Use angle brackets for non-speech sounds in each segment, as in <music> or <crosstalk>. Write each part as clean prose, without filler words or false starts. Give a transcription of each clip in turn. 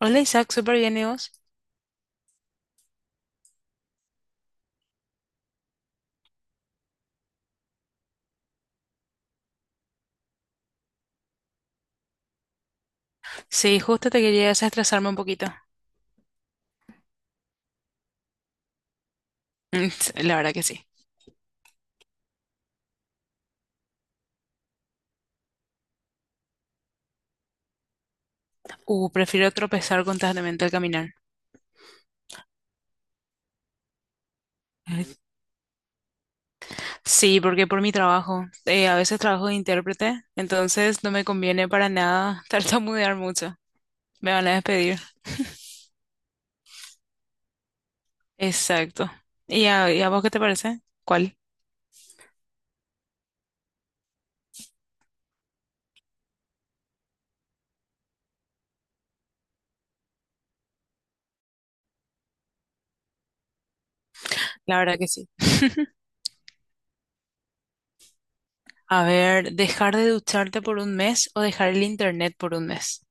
Hola Isaac, súper bien, ¿y vos? Sí, justo te quería desestresarme un poquito. <laughs> Mm, sí, la verdad que sí. Prefiero tropezar constantemente al caminar. Ay. Sí, porque por mi trabajo, a veces trabajo de intérprete, entonces no me conviene para nada <laughs> tartamudear mucho. Me van a despedir. Exacto. ¿Y a vos qué te parece? ¿Cuál? La verdad que sí. A ver, ¿dejar de ducharte por un mes o dejar el internet por un mes?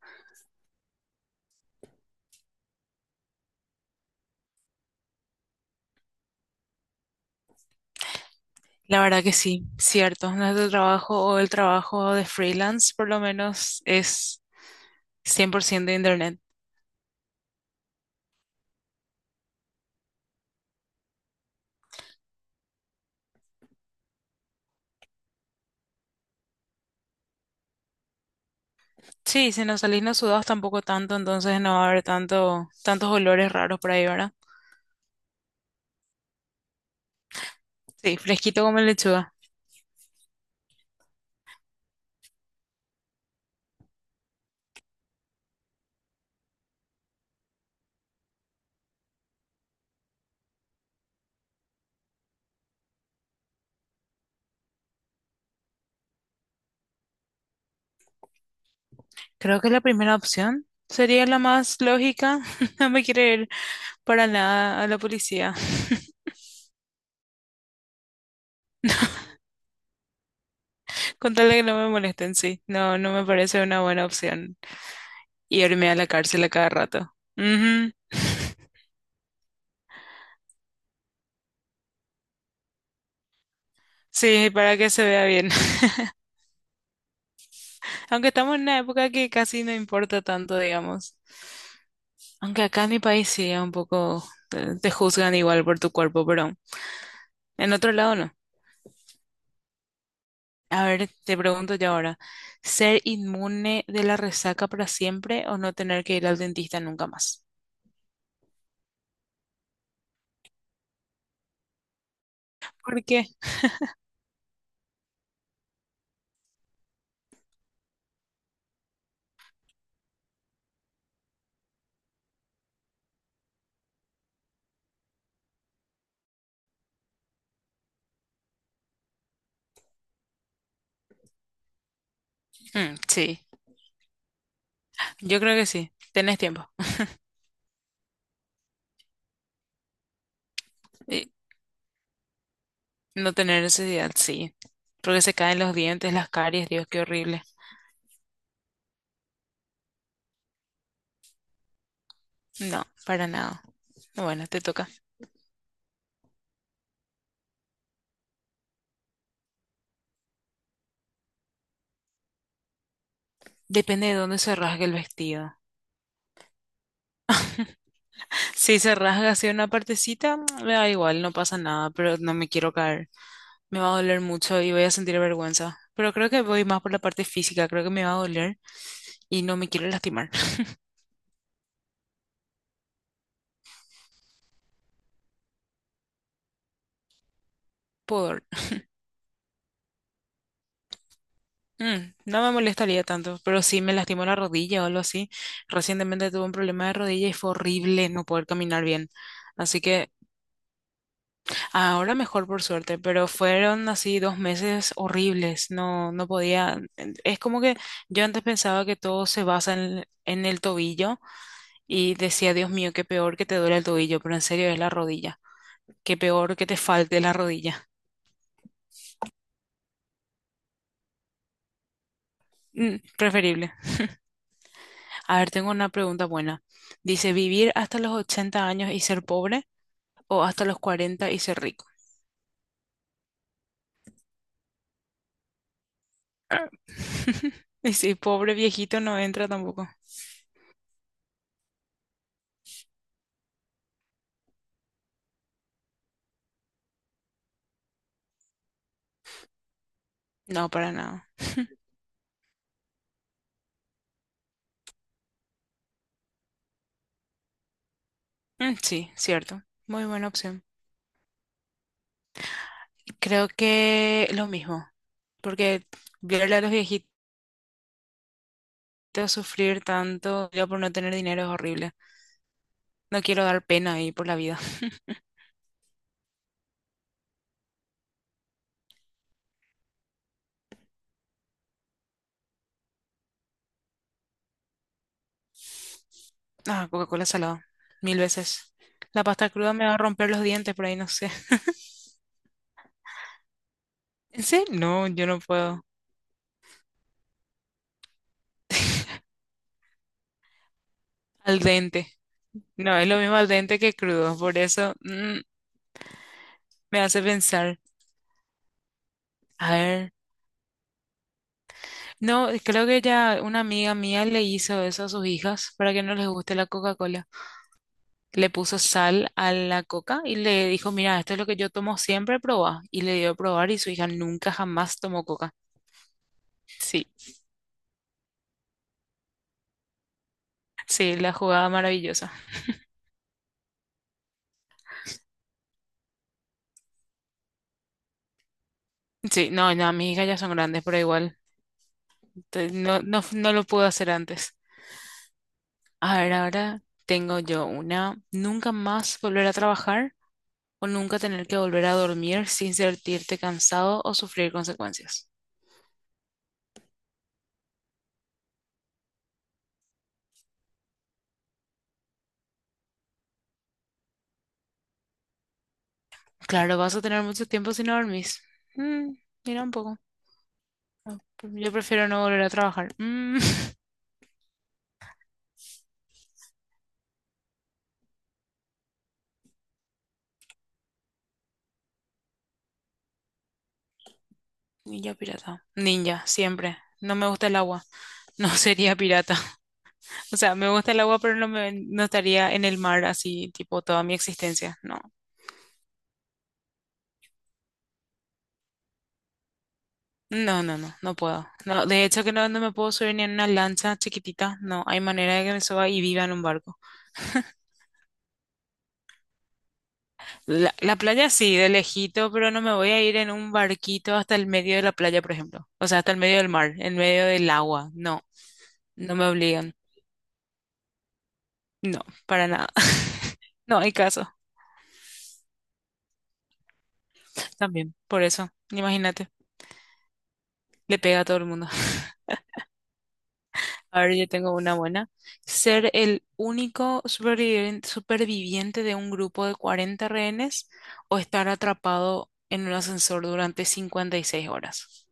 La verdad que sí, cierto. Nuestro trabajo o el trabajo de freelance, por lo menos, es 100% de internet. Sí, si nos salís no sudados tampoco tanto, entonces no va a haber tanto, tantos olores raros por ahí, ¿verdad? Sí, fresquito como lechuga. Creo que la primera opción sería la más lógica. <laughs> No me quiero ir para nada a la policía. <laughs> Con tal de que no me molesten, sí. No, no me parece una buena opción irme a la cárcel a cada rato. Ujú. <laughs> Sí, para que se vea bien. Aunque estamos en una época que casi no importa tanto, digamos. Aunque acá en mi país sí, es un poco te juzgan igual por tu cuerpo, pero en otro lado no. A ver, te pregunto yo ahora, ¿ser inmune de la resaca para siempre o no tener que ir al dentista nunca más? ¿Por qué? Mm, sí, yo creo que sí. Tenés tiempo. Y no tener necesidad, sí. Porque se caen los dientes, las caries, Dios, qué horrible. No, para nada. Bueno, te toca. Depende de dónde se rasgue el vestido. Si se rasga así una partecita, mm, me da igual, no pasa nada, pero no me quiero caer. Me va a doler mucho y voy a sentir vergüenza. Pero creo que voy más por la parte física, creo que me va a doler y no me quiero lastimar. <laughs> Por... Mm, no me molestaría tanto, pero sí me lastimó la rodilla o algo así. Recientemente tuve un problema de rodilla y fue horrible no poder caminar bien. Así que ahora mejor por suerte, pero fueron así 2 meses horribles, no, no podía, es como que yo antes pensaba que todo se basa en el tobillo y decía, Dios mío, qué peor que te duele el tobillo, pero en serio es la rodilla, qué peor que te falte la rodilla. Mm, preferible. A ver, tengo una pregunta buena. Dice, ¿vivir hasta los 80 años y ser pobre o hasta los 40 y ser rico? <laughs> Y si pobre viejito no entra tampoco. No, para nada. Mm, sí, cierto. Muy buena opción. Creo que lo mismo, porque verle a los viejitos sufrir tanto yo por no tener dinero es horrible. No quiero dar pena ahí por la vida. <laughs> Ah, Coca-Cola salada, mil veces. La pasta cruda me va a romper los dientes por ahí, no sé. <laughs> ¿En serio? No, yo no puedo. Al dente. No, es lo mismo al dente que crudo, por eso mm, me hace pensar. A ver, no, creo que ya una amiga mía le hizo eso a sus hijas para que no les guste la Coca-Cola. Le puso sal a la coca y le dijo, mira, esto es lo que yo tomo siempre, probá. Y le dio a probar y su hija nunca jamás tomó coca. Sí, sí, la jugada maravillosa. Sí, no, no, mis hijas ya son grandes, pero igual, no, no, no lo pude hacer antes. A ver, ahora tengo yo una, nunca más volver a trabajar o nunca tener que volver a dormir sin sentirte cansado o sufrir consecuencias. Claro, vas a tener mucho tiempo si no dormís. Mm, mira un poco. Yo prefiero no volver a trabajar. Mm. Ninja pirata. Ninja, siempre. No me gusta el agua. <laughs> No sería pirata. <laughs> O sea, me gusta el agua, pero no me, no estaría en el mar así, tipo, toda mi existencia. No. No, no, no, no puedo. No, de hecho que no, no me puedo subir ni en una lancha chiquitita. No, hay manera de que me suba y viva en un barco. La playa sí, de lejito, pero no me voy a ir en un barquito hasta el medio de la playa, por ejemplo. O sea, hasta el medio del mar, en medio del agua. No, no me obligan. No, para nada. <laughs> No hay caso. También, por eso, imagínate. Le pega a todo el mundo. <laughs> A ver, yo tengo una buena. Ser el único superviviente, superviviente de un grupo de 40 rehenes o estar atrapado en un ascensor durante 56 horas.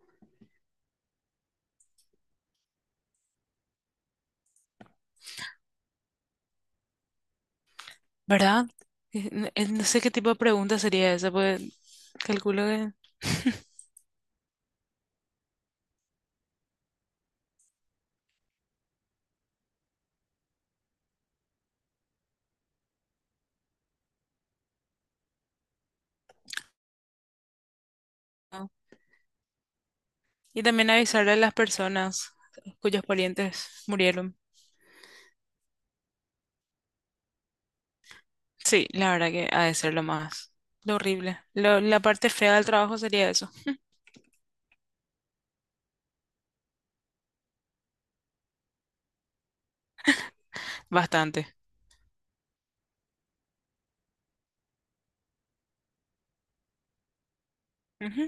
¿Verdad? No no sé qué tipo de pregunta sería esa, pues calculo que no. Y también avisar a las personas cuyos parientes murieron. Sí, la verdad que ha de ser lo más, lo horrible. La parte fea del trabajo sería eso. Bastante. Ujú.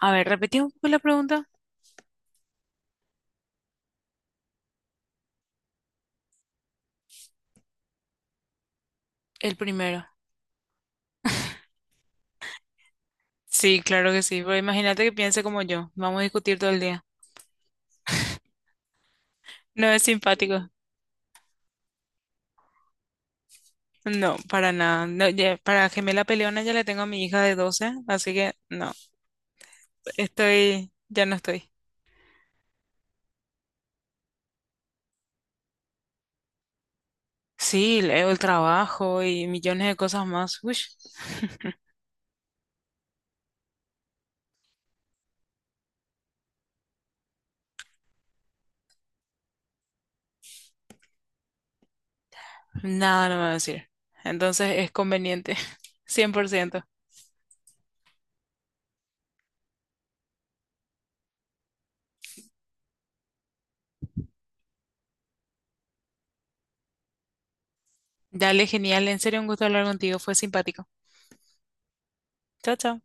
A ver, repetí un poco la pregunta. El primero. Sí, claro que sí, pero imagínate que piense como yo. Vamos a discutir todo el día. No es simpático. No, para nada. No, para gemela peleona ya le tengo a mi hija de 12, así que no, estoy, ya no estoy. Sí, leo el trabajo y millones de cosas más. Uy, nada no me va a decir. Entonces es conveniente, <laughs> 100%. Dale, genial. En serio, un gusto hablar contigo. Fue simpático. Chao, chao.